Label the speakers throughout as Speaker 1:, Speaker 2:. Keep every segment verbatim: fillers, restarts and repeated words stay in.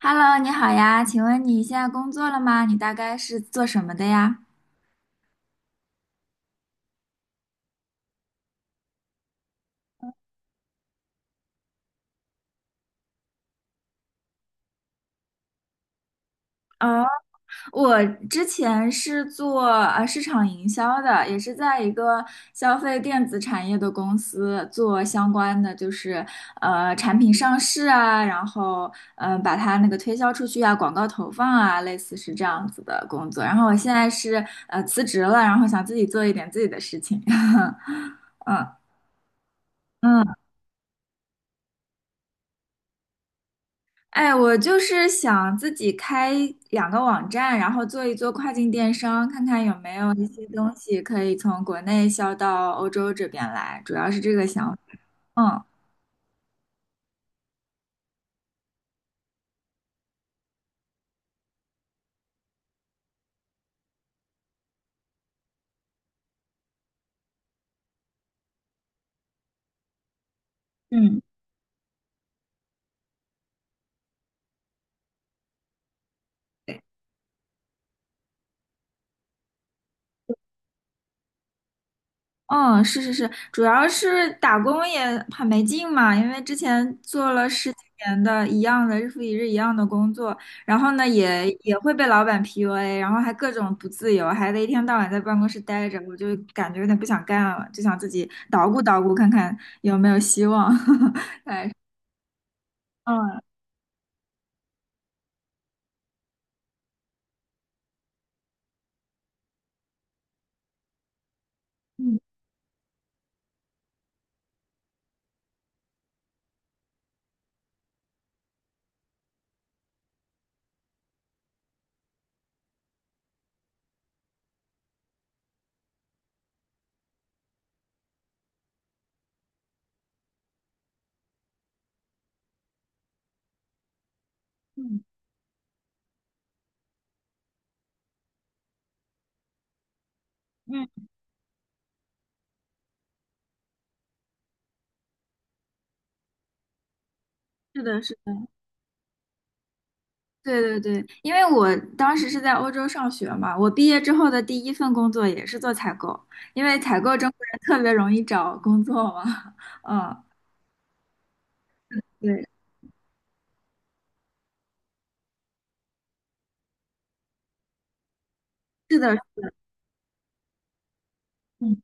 Speaker 1: Hello，你好呀，请问你现在工作了吗？你大概是做什么的呀？哦，我之前是做呃市场营销的，也是在一个消费电子产业的公司做相关的，就是呃产品上市啊，然后嗯、呃把它那个推销出去啊，广告投放啊，类似是这样子的工作。然后我现在是呃辞职了，然后想自己做一点自己的事情。嗯。哎，我就是想自己开两个网站，然后做一做跨境电商，看看有没有一些东西可以从国内销到欧洲这边来，主要是这个想法。嗯。嗯嗯，是是是，主要是打工也很没劲嘛，因为之前做了十几年的一样的日复一日一样的工作，然后呢也也会被老板 P U A，然后还各种不自由，还得一天到晚在办公室待着，我就感觉有点不想干了，就想自己捣鼓捣鼓看看有没有希望。嗯嗯嗯嗯，是的，是的。对对对，因为我当时是在欧洲上学嘛，我毕业之后的第一份工作也是做采购，因为采购中国人特别容易找工作嘛，嗯，对，是的，嗯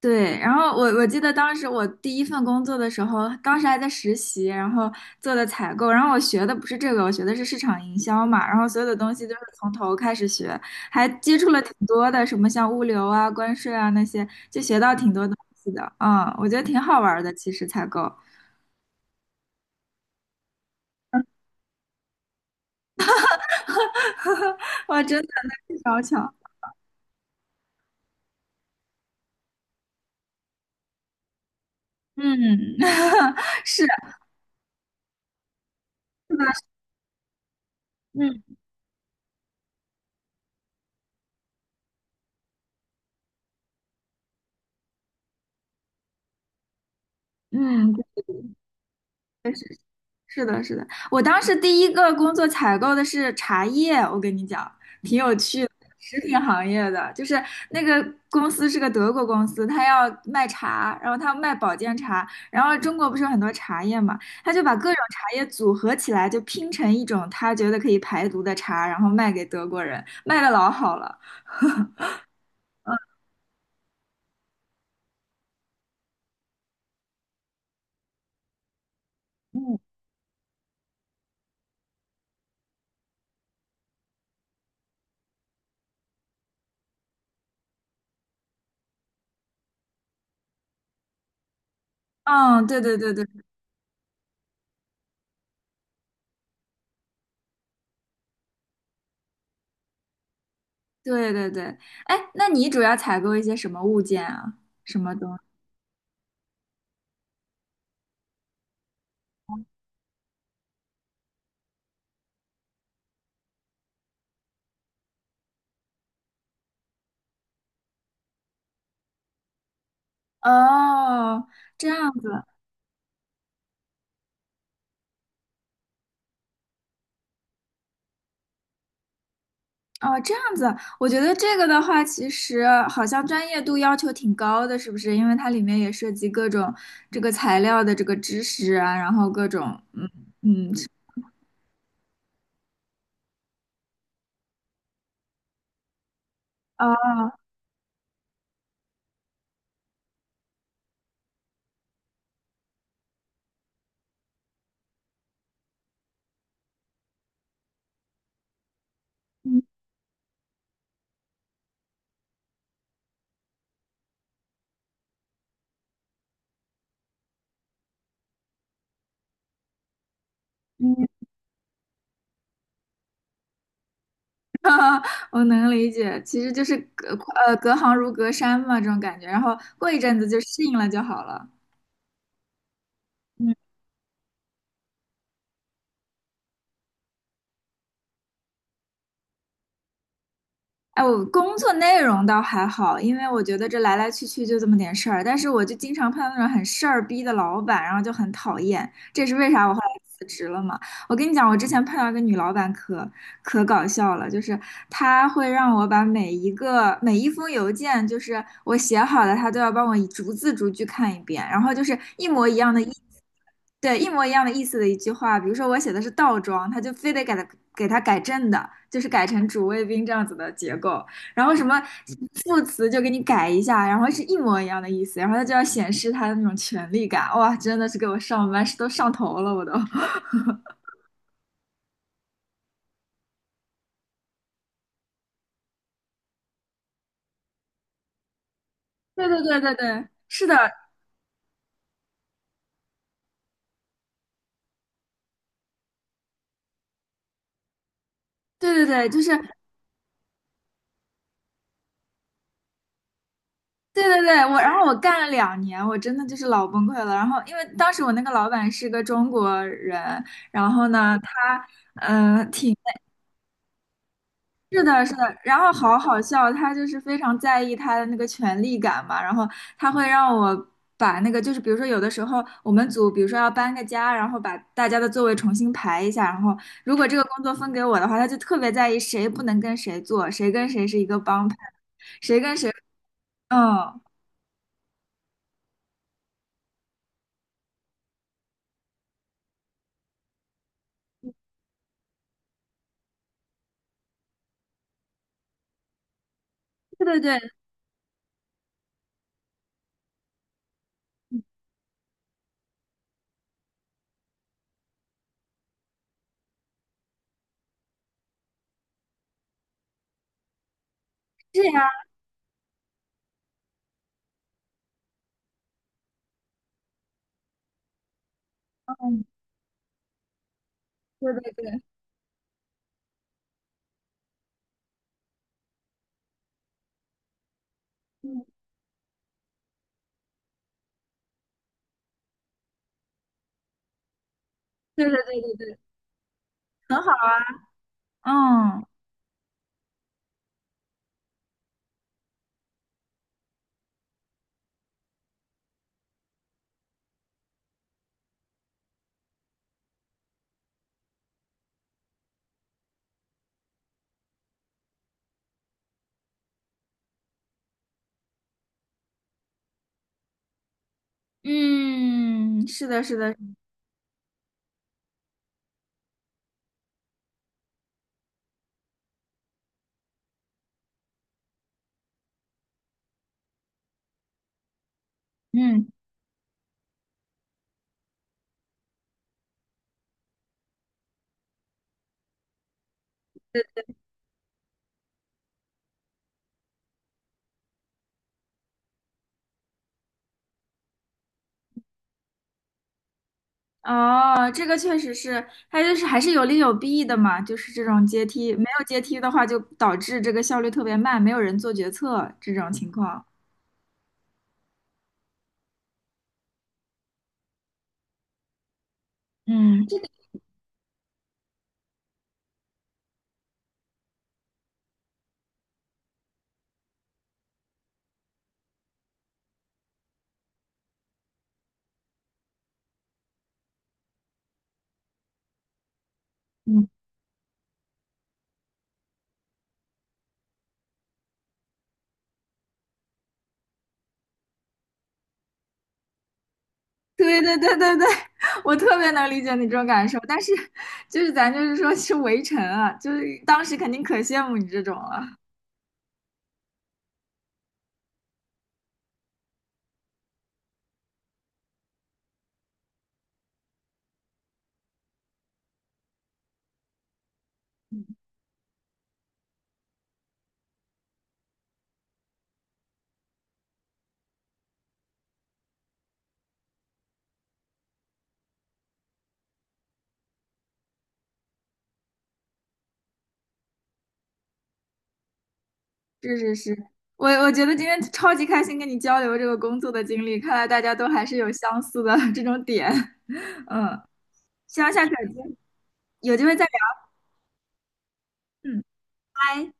Speaker 1: 对。然后我我记得当时我第一份工作的时候，当时还在实习，然后做的采购，然后我学的不是这个，我学的是市场营销嘛，然后所有的东西都是从头开始学，还接触了挺多的，什么像物流啊、关税啊那些，就学到挺多东西的，嗯，我觉得挺好玩儿的，其实采购。哇，真的，那是小巧，嗯。 是的，是的。嗯嗯，是的，是的。我当时第一个工作采购的是茶叶，我跟你讲，挺有趣的，食品行业的，就是那个公司是个德国公司，他要卖茶，然后他卖保健茶，然后中国不是有很多茶叶嘛，他就把各种茶叶组合起来，就拼成一种他觉得可以排毒的茶，然后卖给德国人，卖的老好了。嗯，对对对对。对对对，哎，那你主要采购一些什么物件啊？什么东西？哦，这样子。哦，这样子，我觉得这个的话，其实好像专业度要求挺高的，是不是？因为它里面也涉及各种这个材料的这个知识啊，然后各种，嗯。嗯，啊，哦，嗯嗯。我能理解，其实就是隔呃隔行如隔山嘛，这种感觉，然后过一阵子就适应了就好了。嗯。哎，我工作内容倒还好，因为我觉得这来来去去就这么点事儿，但是我就经常碰到那种很事儿逼的老板，然后就很讨厌。这是为啥我后来辞职了嘛？我跟你讲，我之前碰到一个女老板可可搞笑了，就是她会让我把每一个每一封邮件，就是我写好的，她都要帮我逐字逐句看一遍，然后就是一模一样的意，对，一模一样的意思的一句话，比如说我写的是倒装，她就非得给它给它改正的，就是改成主谓宾这样子的结构，然后什么副词就给你改一下，然后是一模一样的意思，然后她就要显示她的那种权力感，哇，真的是给我上班是都上头了，我都。对对对对对，是的，对对对，就是对对对，我然后我干了两年，我真的就是老崩溃了。然后因为当时我那个老板是个中国人，然后呢，他嗯、呃挺是的，是的，然后好好笑，他就是非常在意他的那个权力感嘛，然后他会让我把那个，就是比如说有的时候我们组，比如说要搬个家，然后把大家的座位重新排一下，然后如果这个工作分给我的话，他就特别在意谁不能跟谁坐，谁跟谁是一个帮派，谁跟谁，嗯，对对对，是呀，嗯，对对对，嗯，对对对对对，很好，嗯嗯，是的，是的，嗯。哦，这个确实是，它就是还是有利有弊的嘛，就是这种阶梯，没有阶梯的话，就导致这个效率特别慢，没有人做决策这种情况。嗯，这个，嗯，对对对对对，我特别能理解你这种感受，但是就是咱就是说是围城啊，就是当时肯定可羡慕你这种了。是是是，我我觉得今天超级开心跟你交流这个工作的经历，看来大家都还是有相似的 这种点。嗯，希望下次有机有机会再聊。嗯，拜。